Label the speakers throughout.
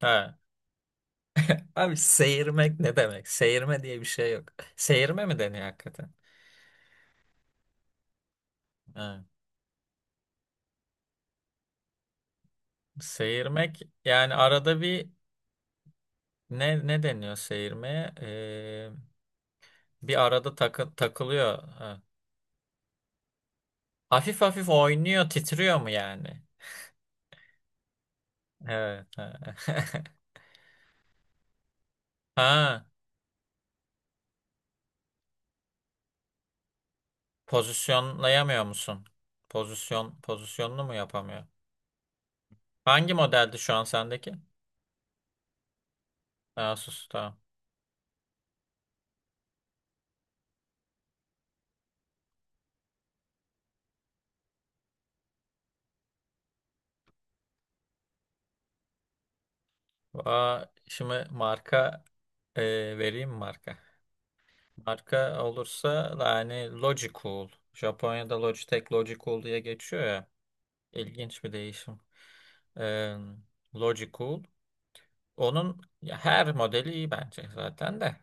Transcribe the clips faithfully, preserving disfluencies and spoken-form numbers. Speaker 1: Ha. Abi seyirmek ne demek? Seyirme diye bir şey yok. Seyirme mi deniyor hakikaten? Ha. Seyirmek yani arada bir ne ne deniyor seyirmeye? Ee, bir arada takı- takılıyor. Ha. Hafif hafif oynuyor, titriyor mu yani? Evet. Ha. Ha, pozisyonlayamıyor musun? Pozisyon pozisyonunu mu yapamıyor? Hangi modeldi şu an sendeki? Asus, tamam. Aa, şimdi marka e, vereyim mi marka. Marka olursa yani Logicool. Japonya'da Logitech Logicool diye geçiyor ya. İlginç bir değişim. Ee, Logicool. Onun ya her modeli iyi bence zaten de.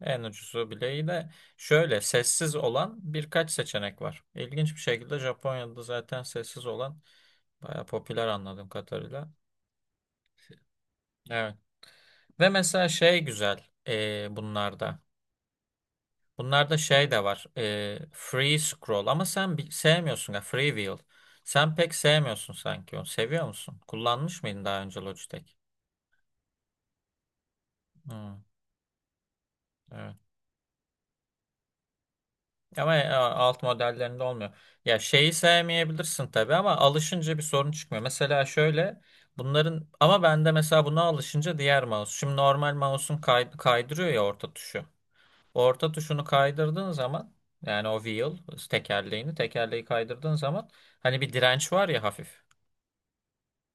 Speaker 1: En ucuzu bile iyi de şöyle sessiz olan birkaç seçenek var. İlginç bir şekilde Japonya'da zaten sessiz olan baya popüler anladığım kadarıyla. Evet. Ve mesela şey güzel ee, bunlarda. Bunlarda şey de var. e, free scroll ama sen bi- sevmiyorsun ya free wheel. Sen pek sevmiyorsun sanki onu. Seviyor musun? Kullanmış mıydın daha önce Logitech? Hmm, evet. Ama e, alt modellerinde olmuyor. Ya şeyi sevmeyebilirsin tabii ama alışınca bir sorun çıkmıyor. Mesela şöyle bunların ama bende mesela buna alışınca diğer mouse. Şimdi normal mouse'un kay- kaydırıyor ya orta tuşu. Orta tuşunu kaydırdığın zaman yani o wheel tekerleğini tekerleği kaydırdığın zaman hani bir direnç var ya hafif.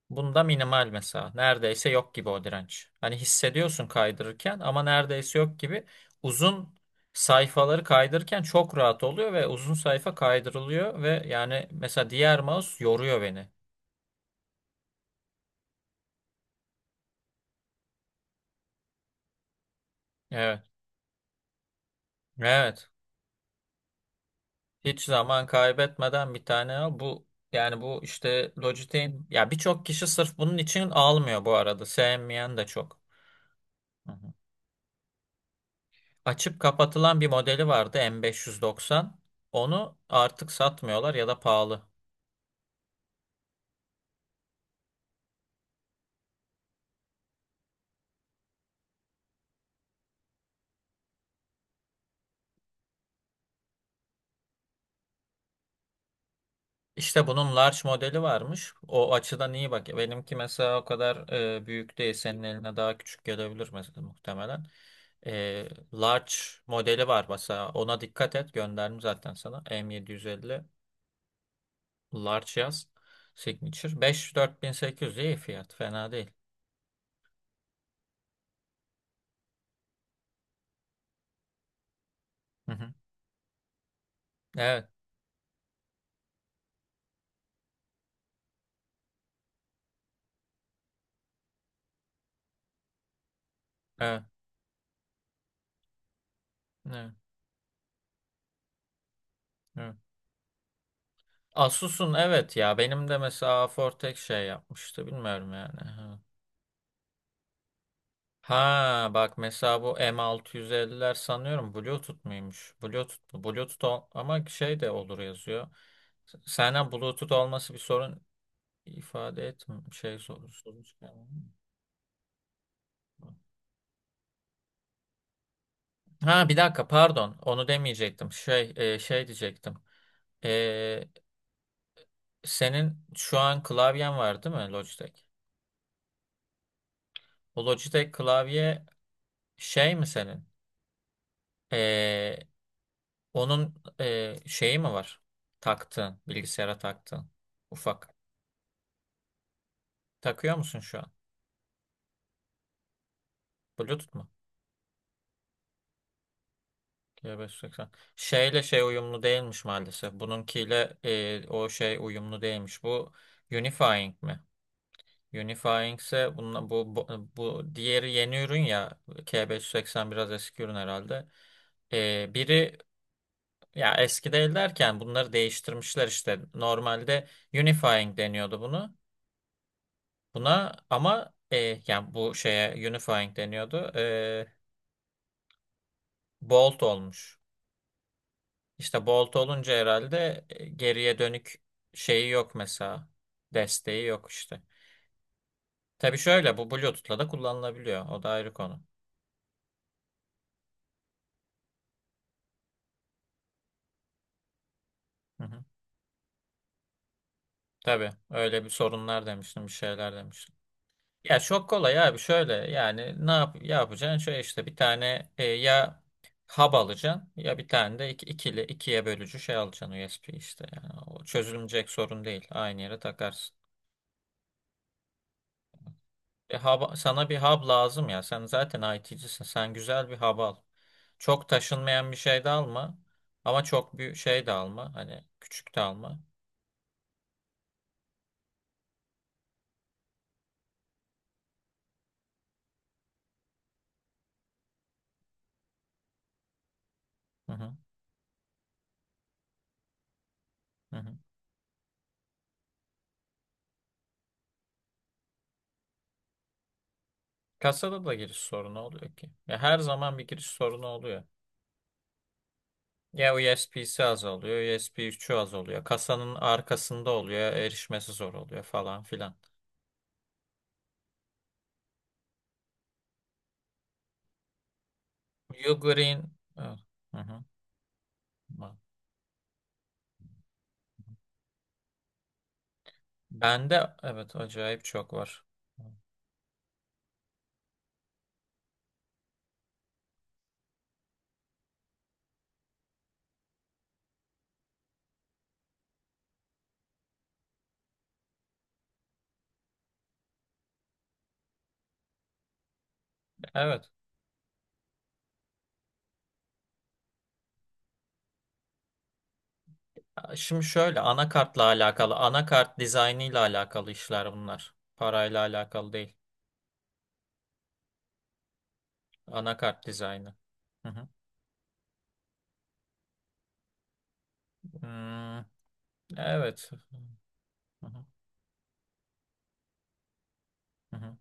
Speaker 1: Bunda minimal mesela. Neredeyse yok gibi o direnç. Hani hissediyorsun kaydırırken ama neredeyse yok gibi. Uzun sayfaları kaydırırken çok rahat oluyor ve uzun sayfa kaydırılıyor ve yani mesela diğer mouse yoruyor beni. Evet. Evet. Hiç zaman kaybetmeden bir tane al. Bu yani bu işte Logitech'in ya birçok kişi sırf bunun için almıyor bu arada. Sevmeyen de çok. Hı hı. Açıp kapatılan bir modeli vardı M beş yüz doksan. Onu artık satmıyorlar ya da pahalı. İşte bunun large modeli varmış. O açıdan iyi bak. Benimki mesela o kadar e, büyük değil. Senin eline daha küçük gelebilir mesela muhtemelen. E, large modeli var mesela. Ona dikkat et. Gönderdim zaten sana. M yedi yüz elli large yaz. Signature. elli dört bin sekiz yüz iyi fiyat. Fena değil. Hı hı. Evet. Evet. Evet. evet. Asus'un evet ya benim de mesela Fortex şey yapmıştı bilmiyorum yani. Ha bak mesela bu M altı yüz elliler sanıyorum Bluetooth muymuş? Bluetooth mu? Bluetooth ol- ama şey de olur yazıyor. S- Senden Bluetooth olması bir sorun ifade etmiyor. Şey sorun, sorun çıkarmıyor mu? Ha bir dakika pardon onu demeyecektim. Şey e, şey diyecektim. E, senin şu an klavyen var değil mi Logitech? O Logitech klavye şey mi senin? E, Onun e, şeyi mi var? Taktığın, bilgisayara taktığın. Ufak. Takıyor musun şu an? Bluetooth mu? G beş yüz seksen. Şeyle şey uyumlu değilmiş maalesef. Bununkiyle e, o şey uyumlu değilmiş. Bu Unifying mi? Unifying ise bununla, bu, bu, bu diğeri yeni ürün ya. K beş yüz seksen biraz eski ürün herhalde. E, biri ya eski değil derken bunları değiştirmişler işte. Normalde Unifying deniyordu bunu. Buna ama e, yani bu şeye unifying deniyordu. E, bolt olmuş. İşte bolt olunca herhalde e, geriye dönük şeyi yok mesela. Desteği yok işte. Tabii şöyle bu Bluetooth'la da kullanılabiliyor. O da ayrı konu. Hı hı. Tabii öyle bir sorunlar demiştim, bir şeyler demiştim. Ya çok kolay abi şöyle yani ne yap yapacaksın? Şöyle işte bir tane e, ya hub alacaksın ya bir tane de iki, ikili ikiye bölücü şey alacaksın U S B işte. Yani o çözülmeyecek sorun değil. Aynı yere takarsın. E, hub, sana bir hub lazım ya. Sen zaten I T'cisin. Sen güzel bir hub al. Çok taşınmayan bir şey de alma. Ama çok büyük şey de alma. Hani küçük de alma. Hı hı, hı hı. Kasada da giriş sorunu oluyor ki. Ya her zaman bir giriş sorunu oluyor. Ya U S B'si az oluyor, U S B üçü az oluyor. Kasanın arkasında oluyor, erişmesi zor oluyor falan filan. Ugreen, evet, hı hı. Bende evet acayip çok var. Evet. Şimdi şöyle anakartla alakalı, anakart dizaynıyla alakalı işler bunlar. Parayla alakalı değil. Anakart dizaynı. Hı hı. Hmm, evet. Hı hı, hı hı,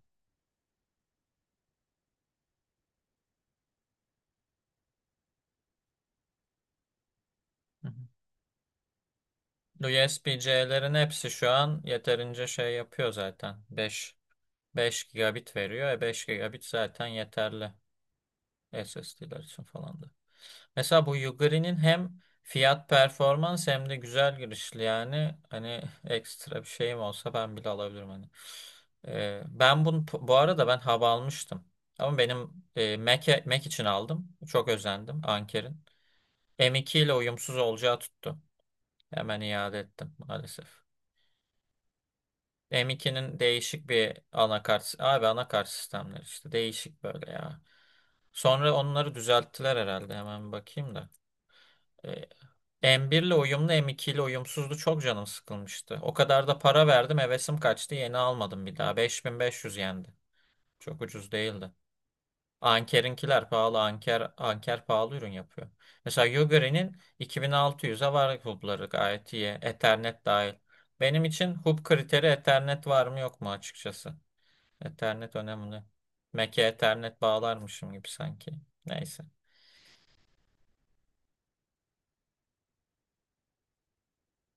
Speaker 1: hı hı. U S B-C'lerin hepsi şu an yeterince şey yapıyor zaten. Beş. Beş gigabit veriyor. E beş gigabit zaten yeterli S S D'ler için falan da. Mesela bu Yuguri'nin hem fiyat performans hem de güzel girişli yani hani ekstra bir şeyim olsa ben bile alabilirim hani. E, ben bunu bu arada ben hava almıştım. Ama benim e, Mac'e- Mac, için aldım. Çok özendim Anker'in. M iki ile uyumsuz olacağı tuttu. Hemen iade ettim maalesef. M ikinin değişik bir anakart. Abi anakart sistemleri işte değişik böyle ya. Sonra onları düzelttiler herhalde. Hemen bir bakayım da. E, M bir ile uyumlu, M iki ile uyumsuzdu. Çok canım sıkılmıştı. O kadar da para verdim, hevesim kaçtı. Yeni almadım bir daha. beş bin beş yüz yendi. Çok ucuz değildi. Anker'inkiler pahalı. Anker Anker pahalı ürün yapıyor. Mesela Yuguri'nin iki bin altı yüze var hubları gayet iyi. Ethernet dahil. Benim için hub kriteri Ethernet var mı yok mu açıkçası. Ethernet önemli. Mac'e Ethernet bağlarmışım gibi sanki. Neyse.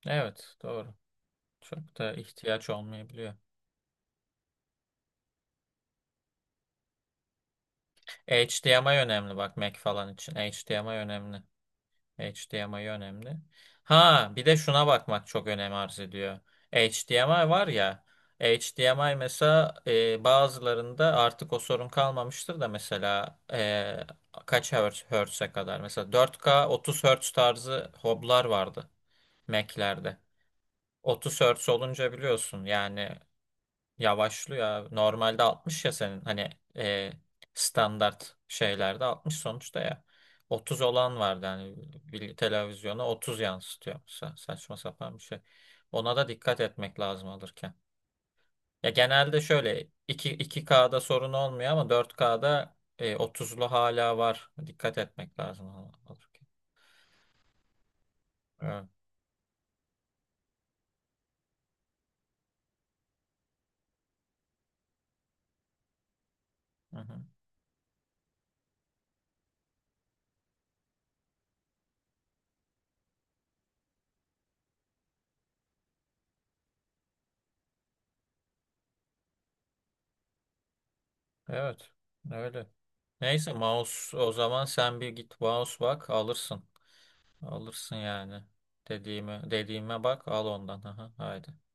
Speaker 1: Evet, doğru. Çok da ihtiyaç olmayabiliyor. H D M I önemli bak Mac falan için. H D M I önemli. H D M I önemli. Ha bir de şuna bakmak çok önem arz ediyor. H D M I var ya. H D M I mesela e, bazılarında artık o sorun kalmamıştır da mesela e, kaç hertz, hertz'e kadar mesela dört K otuz hertz tarzı hoblar vardı Mac'lerde. otuz hertz olunca biliyorsun yani yavaşlıyor abi. Normalde altmış ya senin hani e, standart şeylerde altmış sonuçta ya. Otuz olan vardı hani bir televizyona otuz yansıtıyor. Sa- saçma sapan bir şey. Ona da dikkat etmek lazım alırken. Ya genelde şöyle iki iki kda sorun olmuyor ama dört kda e, otuzlu hala var. Dikkat etmek lazım al- alırken. Evet. Hı hı. Evet. Öyle. Neyse mouse o zaman sen bir git mouse bak alırsın. Alırsın yani. Dediğime, dediğime bak al ondan. Aha, haydi.